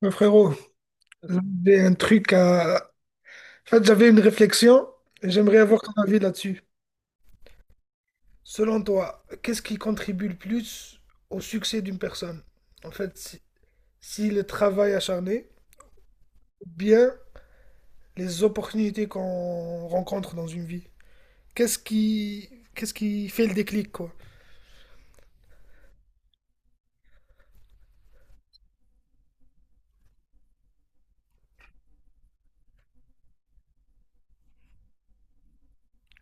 Mais frérot, j'ai un truc à... En fait, j'avais une réflexion et j'aimerais avoir ton avis là-dessus. Selon toi, qu'est-ce qui contribue le plus au succès d'une personne? En fait, si le travail acharné ou bien les opportunités qu'on rencontre dans une vie. Qu'est-ce qui, Qu'est-ce qui fait le déclic, quoi?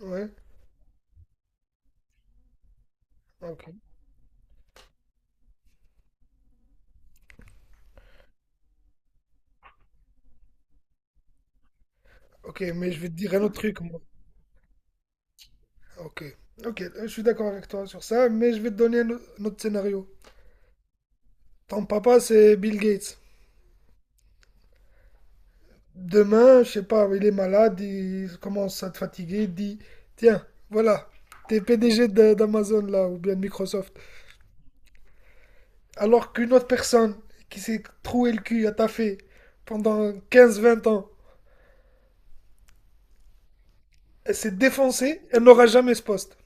Ouais, ok. Ok, mais je vais te dire un autre truc, moi. Ok, ok, je suis d'accord avec toi sur ça, mais je vais te donner un autre scénario. Ton papa, c'est Bill Gates. Demain, je sais pas, il est malade, il commence à te fatiguer, il dit, tiens, voilà, t'es PDG d'Amazon là, ou bien de Microsoft. Alors qu'une autre personne qui s'est troué le cul à taffer pendant 15, 20 ans, elle s'est défoncée, elle n'aura jamais ce poste.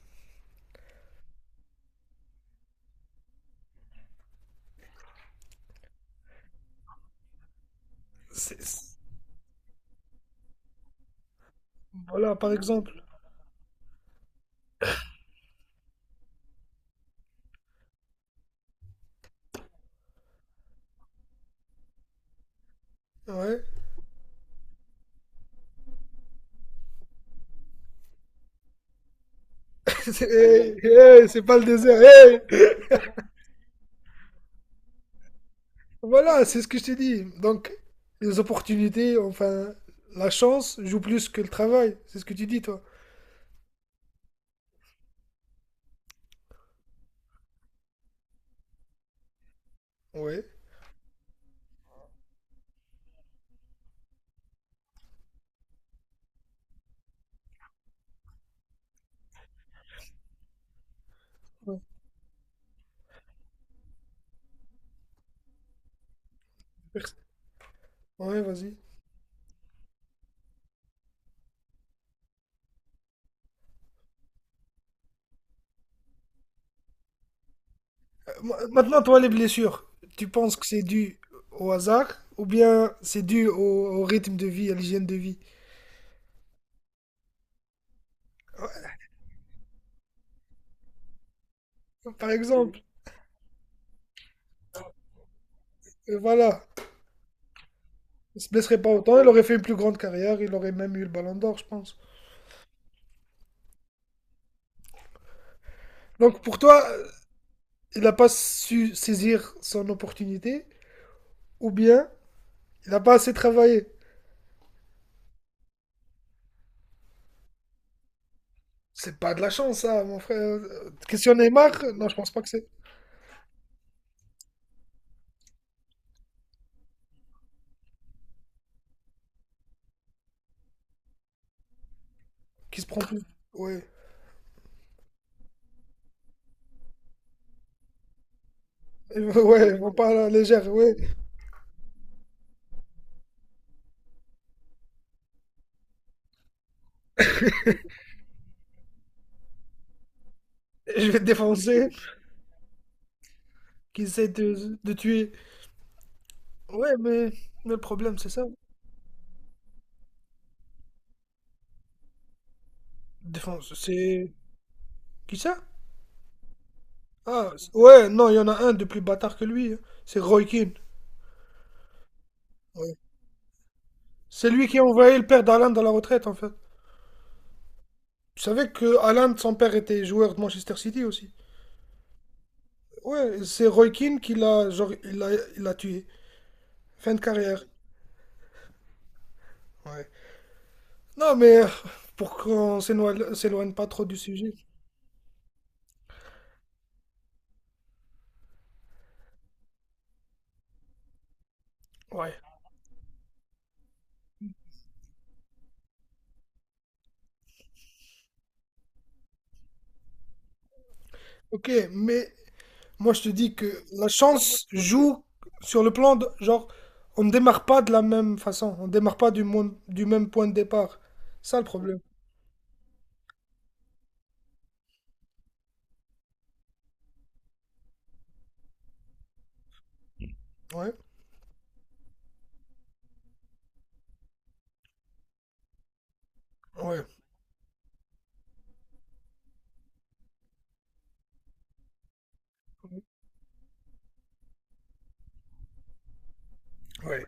C'est- c'est- Voilà, par exemple. Ouais. Hey, hey, c'est pas le désert. Hey. Voilà, c'est ce que je t'ai dit. Donc, les opportunités, enfin, la chance joue plus que le travail. C'est ce que tu dis, toi. Ouais. Ouais. Ouais, vas-y. Maintenant, toi, les blessures, tu penses que c'est dû au hasard ou bien c'est dû au rythme de vie, à l'hygiène de vie? Par exemple, voilà, il se blesserait pas autant, il aurait fait une plus grande carrière, il aurait même eu le Ballon d'Or, je pense. Donc pour toi, il n'a pas su saisir son opportunité ou bien il n'a pas assez travaillé. C'est pas de la chance, ça, mon frère. Question Neymar, non, je pense pas que c'est qui se prend plus. Ouais, ouais, ils vont pas à la légère, ouais. Je vais te défoncer. Qui essaie de tuer. Ouais, mais le problème, c'est ça. Défense, c'est. Qui ça? Ah, ouais, non, il y en a un de plus bâtard que lui, hein. C'est Roy Keane. Ouais. C'est lui qui a envoyé le père d'Alan dans la retraite, en fait. Tu savais que Alan, son père, était joueur de Manchester City aussi. Ouais, c'est Roy Keane qui l'a, genre, il l'a tué. Fin de carrière. Ouais. Non, mais pour qu'on s'éloigne pas trop du sujet. Ouais. Ok, mais moi, je te dis que la chance joue sur le plan de, genre, on ne démarre pas de la même façon, on ne démarre pas du même point de départ. Ça, le problème. Ouais, ouais, ouais.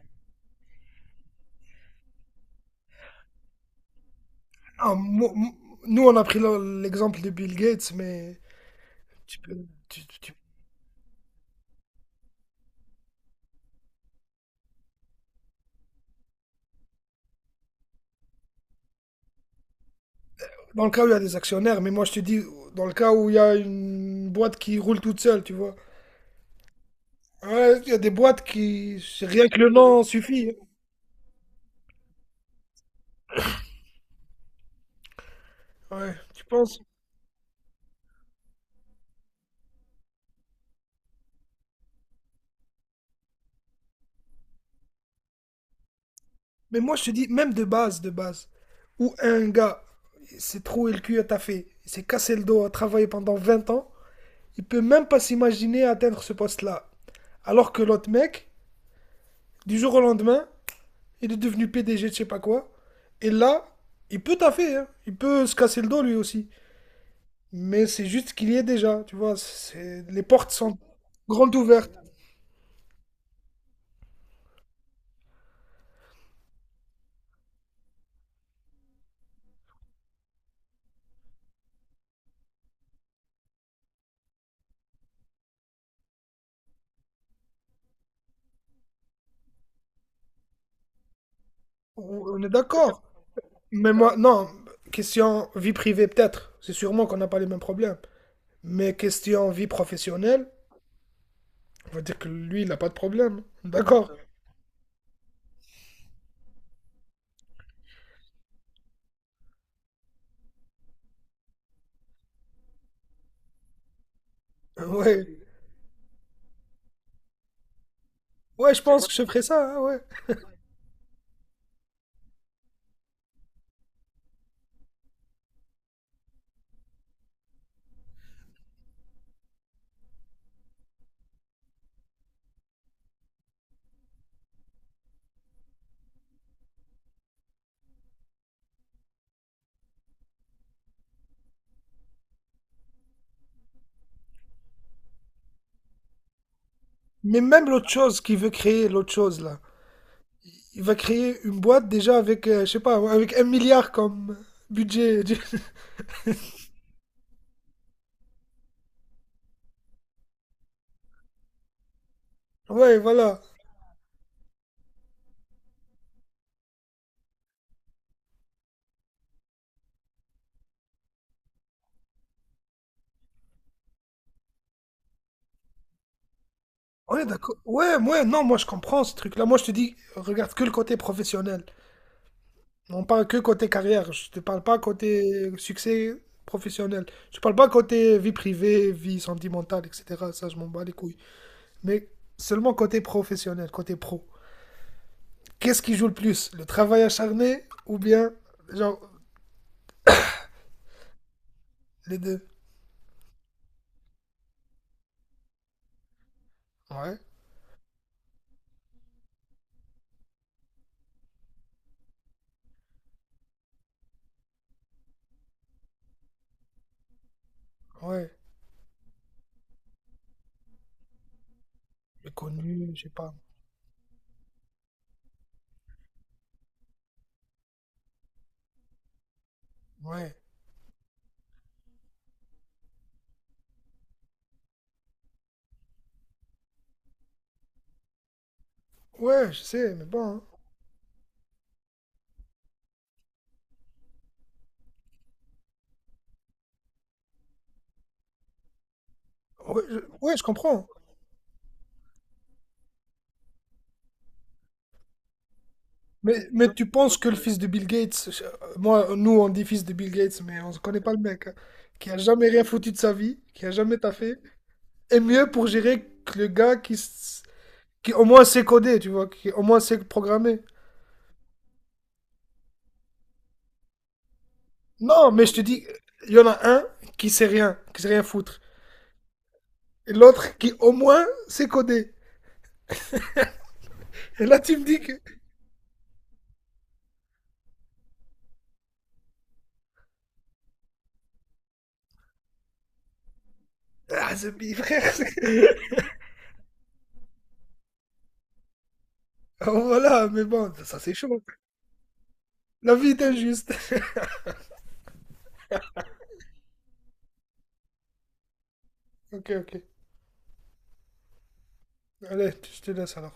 Ah, nous, on a pris l'exemple de Bill Gates, mais tu peux, tu- tu- tu- dans le cas où il y a des actionnaires, mais moi, je te dis, dans le cas où il y a une boîte qui roule toute seule, tu vois. Ouais, il y a des boîtes qui, rien que le nom suffit, hein. Ouais, tu penses? Mais moi, je te dis, de base, où un gars s'est troué le cul à taffer, il s'est cassé le dos à travailler pendant 20 ans, il peut même pas s'imaginer atteindre ce poste-là. Alors que l'autre mec, du jour au lendemain, il est devenu PDG de je sais pas quoi, et là, il peut taffer, hein, il peut se casser le dos lui aussi. Mais c'est juste ce qu'il y est déjà, tu vois, c'est- les portes sont grandes ouvertes. On est d'accord. Mais moi, non, question vie privée peut-être, c'est sûrement qu'on n'a pas les mêmes problèmes. Mais question vie professionnelle, on va dire que lui, il n'a pas de problème. D'accord. Ouais. Ouais, je pense que je ferais ça, hein, ouais. Mais même l'autre chose qu'il veut créer, l'autre chose là. Il va créer une boîte déjà avec, je sais pas, ouais, avec 1 milliard comme budget. Du- Ouais, voilà. Ouais, d'accord. Ouais, ouais, non, moi je comprends ce truc-là. Moi je te dis, regarde que le côté professionnel. On parle que côté carrière. Je te parle pas côté succès professionnel. Je parle pas côté vie privée, vie sentimentale, etc. Ça, je m'en bats les couilles. Mais seulement côté professionnel, côté pro. Qu'est-ce qui joue le plus? Le travail acharné ou bien, genre, les deux? Ouais, ouais. Le connu, je sais pas. Ouais, ouais, je sais, mais bon, hein. Ouais, je comprends. Mais tu penses que le fils de Bill Gates, je- moi, nous, on dit fils de Bill Gates, mais on ne connaît pas le mec, hein, qui a jamais rien foutu de sa vie, qui a jamais taffé, est mieux pour gérer que le gars qui, qui au moins sait coder, tu vois, qui au moins sait programmer. Non, mais je te dis, il y en a un qui sait rien foutre. Et l'autre qui, au moins, sait coder. Et là, tu me dis que. Ah, Zombie, frère. C'est- oh, voilà, mais bon, ça c'est chaud. La vie est injuste. Ok, ok. Allez, je te laisse alors.